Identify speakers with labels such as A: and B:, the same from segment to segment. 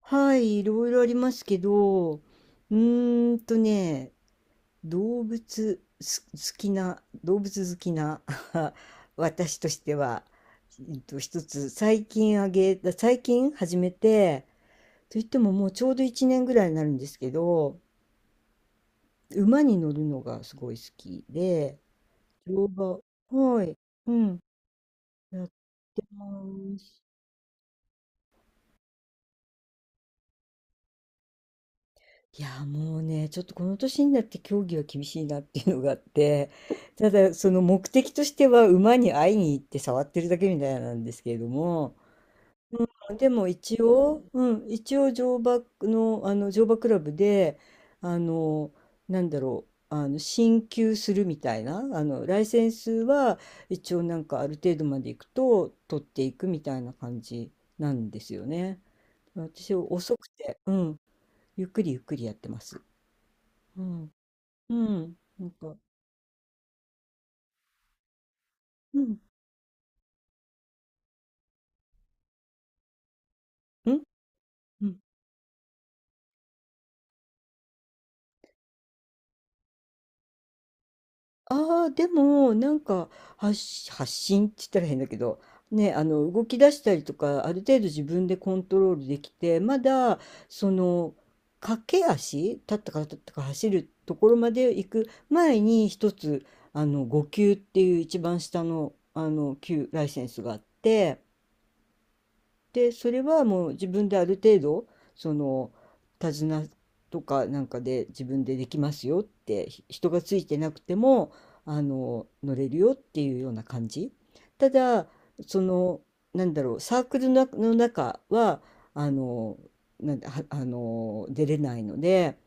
A: はい、いろいろありますけど、ね、動物す動物好きな 私としては、一つ最近始めて、といってももうちょうど1年ぐらいになるんですけど、馬に乗るのがすごい好きで、乗馬、はい、うん、やってます。いやもうねちょっとこの年になって競技は厳しいなっていうのがあって ただその目的としては馬に会いに行って触ってるだけみたいなんですけれども、でも一応、うん、一応乗馬の、乗馬クラブであの進級するみたいなライセンスは一応なんかある程度まで行くと取っていくみたいな感じなんですよね。私は遅くて、うん、ゆっくりゆっくりやってます。うんうん、なんか、うん、うん、うん。ああ、でも、なんか、発信って言ったら変だけど、ね、動き出したりとか、ある程度自分でコントロールできて、まだ、その、駆け足、立ったか走るところまで行く前に、一つ、5級っていう一番下の、級ライセンスがあって、で、それはもう自分である程度、その、手綱とかなんかで自分でできますよって、人がついてなくても、乗れるよっていうような感じ。ただ、その、なんだろう、サークルの中は、あの、なんだ、はあの、出れないので、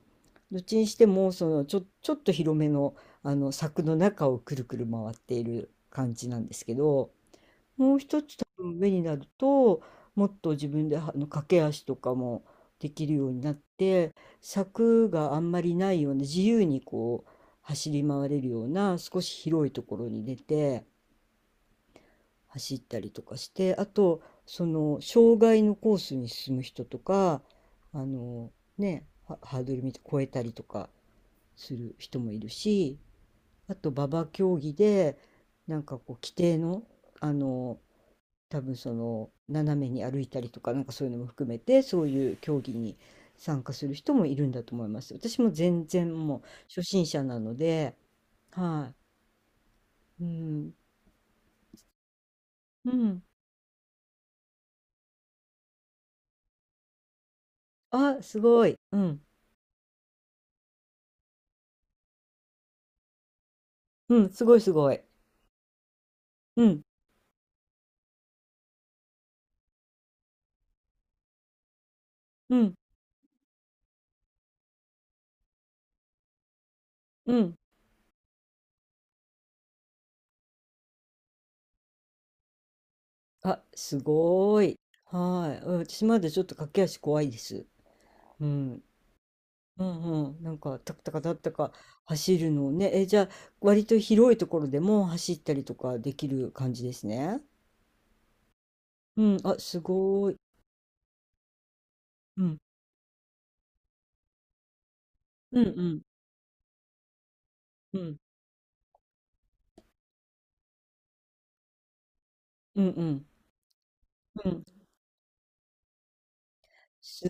A: どっちにしても、その、ちょっと広めの、柵の中をくるくる回っている感じなんですけど、もう一つ多分上になると、もっと自分で駆け足とかもできるようになって、柵があんまりないような自由にこう走り回れるような少し広いところに出て走ったりとかして、あとその障害のコースに進む人とか、あのね、ハードル見て越えたりとかする人もいるし、あと馬場競技でなんかこう規定の、あの多分その斜めに歩いたりとかなんかそういうのも含めて、そういう競技に参加する人もいるんだと思います。私も全然もう初心者なので、はい。うん。うん。あ、すごい。うん。うん、すごいすごい。うん。うん。うん。あ、すごい。はい。うん、私まだちょっと駆け足怖いです。うん。うんうん。なんか、タクタカタクタカ走るのをね。え、じゃあ、割と広いところでも走ったりとかできる感じですね。うん、あ、すごーい。うん。うんうん。うん。うんうん。うん。す、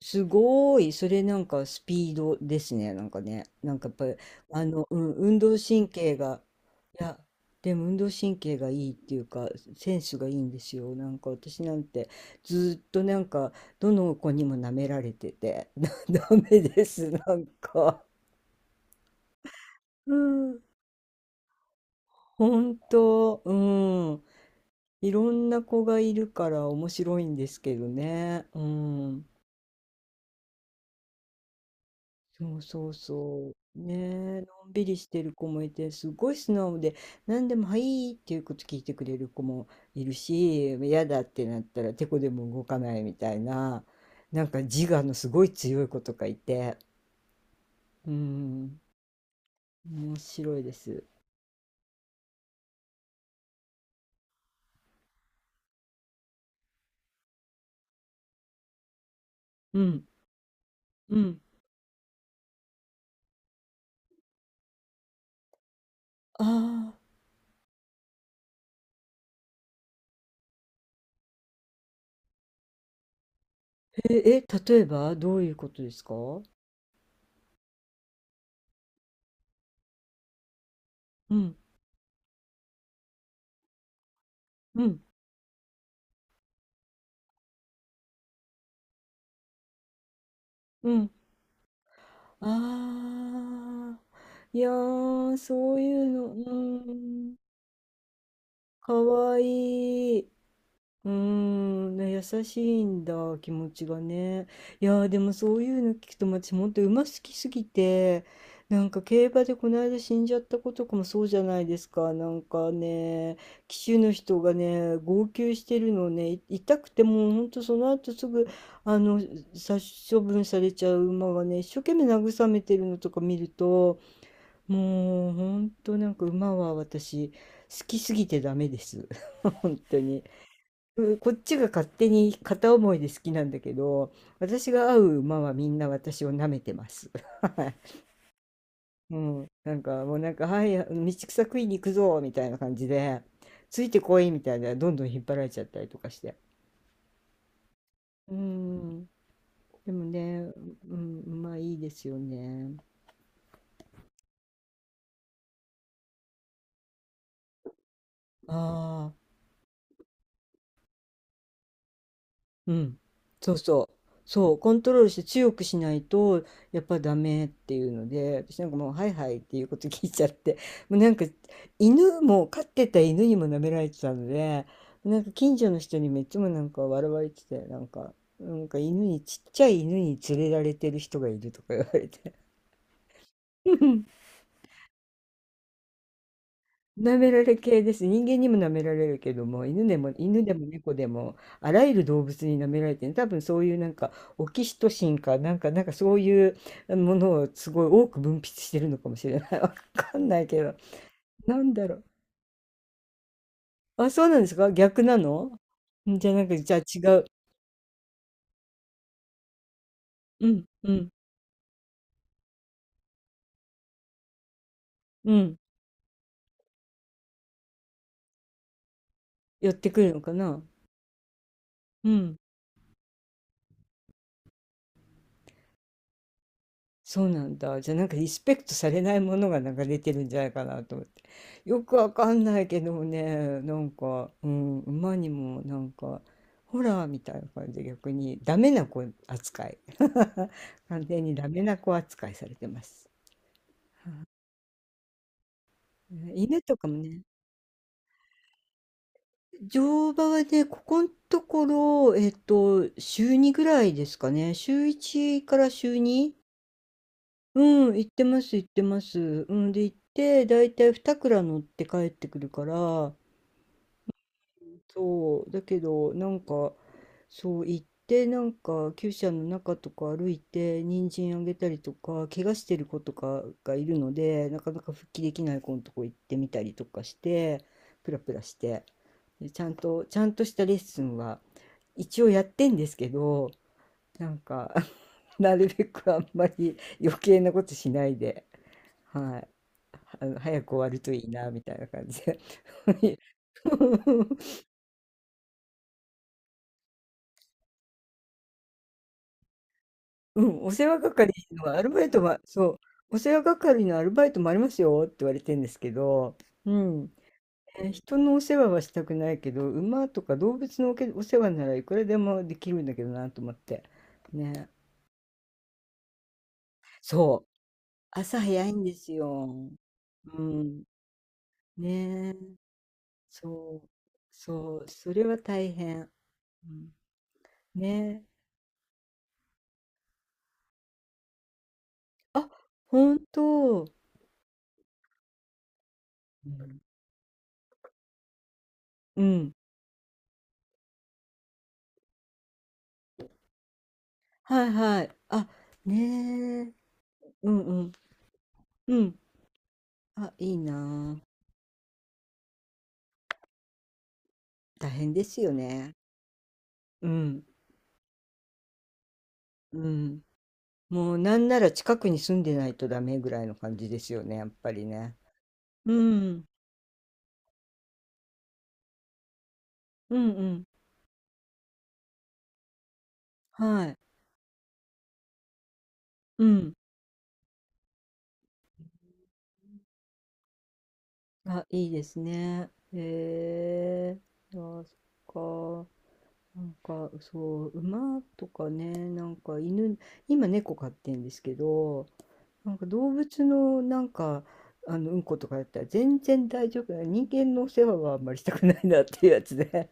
A: すごーい。それなんかスピードですね。なんかね。なんかやっぱり、うん、運動神経が、いや、でも運動神経がいいっていうか、センスがいいんですよ。なんか私なんて、ずーっとなんか、どの子にも舐められてて、ダメです。なんか。うん。本当。うん。いろんな子がいるから面白いんですけどね。うん。そうそうそう。ねえ、のんびりしてる子もいて、すごい素直で、何でも「はい」っていうこと聞いてくれる子もいるし、嫌だってなったらてこでも動かないみたいな、なんか自我のすごい強い子とかいて、うん、面白いです。うん、うん。ああ、え、例えばどういうことですか？うん、うん、うん。ああ、いやー、そういうの、ん、かわいい。うーん、ね、優しいんだ、気持ちがね。いやー、でもそういうの聞くと、私、本当馬好きすぎて、なんか競馬でこの間死んじゃった子とかもそうじゃないですか。なんかね、騎手の人がね、号泣してるのをね、痛くてもう本当その後すぐ、あの殺処分されちゃう馬がね一生懸命慰めてるのとか見ると、もう本当なんか馬は私好きすぎてダメです。 本当に、こっちが勝手に片思いで好きなんだけど、私が会う馬はみんな私を舐めてます。 はい。うん、なんかもうなんか「はい、道草食いに行くぞ」みたいな感じで「ついてこい」みたいなどんどん引っ張られちゃったりとかして、うん、でもね、うん、馬いいですよね。ああ、うん。そうそう。そう。コントロールして強くしないと、やっぱダメっていうので、私なんかもう、はいはいっていうこと聞いちゃって、もうなんか、犬も、飼ってた犬にも舐められてたので、なんか近所の人にめっちゃもなんか笑われてて、なんか、なんか犬に、ちっちゃい犬に連れられてる人がいるとか言われて。舐められ系です。人間にも舐められるけども、犬でも猫でも、あらゆる動物に舐められてる。多分そういうなんか、オキシトシンか、なんかそういうものをすごい多く分泌してるのかもしれない。わかんないけど。なんだろう。あ、そうなんですか、逆なの？ん、じゃあなんか、じゃあ違う。うん、うん、うん。寄ってくるのかな。うん。そうなんだ。じゃあなんかリスペクトされないものが流れてるんじゃないかなと思って。よくわかんないけどもね、なんか、うん、馬にもなんか、ホラーみたいな感じで逆にダメな子扱い。完全にダメな子扱いされてます。ね、犬とかもね。乗馬はね、ここのところ、週2ぐらいですかね。週1から週2。うん、行ってます行ってます。うん、で、行って、だいたい2乗って帰ってくるから、そう、だけど、なんか、そう、行って、なんか、厩舎の中とか歩いて、人参あげたりとか、怪我してる子とかがいるので、なかなか復帰できない子のとこ行ってみたりとかして、プラプラして、で、ちゃんとしたレッスンは、一応やってんですけど、なんか、なるべくあんまり余計なことしないで。はい。早く終わるといいな、みたいな感じで。うん、お世話係のアルバイトは、そう、お世話係のアルバイトもありますよって言われてるんですけど、うん。人のお世話はしたくないけど、馬とか動物のお世話ならいくらでもできるんだけどなと思って。ね。そう。朝早いんですよ。うん。ねえ。そう。そう。それは大変。うん、ねえ。あ、本当。うん。うん。はいはい。あ、ねえ。うんうん。うん。あ、いいなあ。大変ですよね。うん。うん。もうなんなら近くに住んでないとダメぐらいの感じですよね、やっぱりね。うん。うんうん。はい。うん。あ、いいですね。へえ。あ、そっか。なんか、そう、馬とかね、なんか犬、今猫飼ってんですけど、なんか動物のなんか、うんことかだったら全然大丈夫な、人間のお世話はあんまりしたくないなっていうやつで。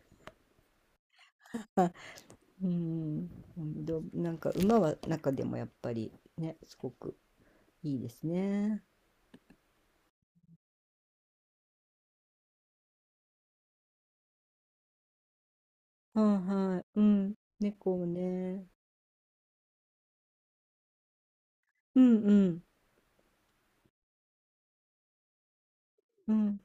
A: うん、うん、どうなんか、馬は中でもやっぱりね、すごくいいですね。はいはい、うん、猫もね。うんうんうん。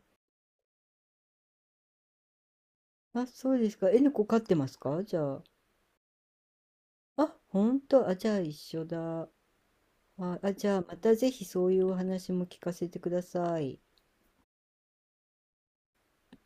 A: あ、そうですか、え、猫飼ってますか？じゃあ、あ、本当。あ、じゃあ一緒だ。あ、あ、じゃあまたぜひそういうお話も聞かせてください。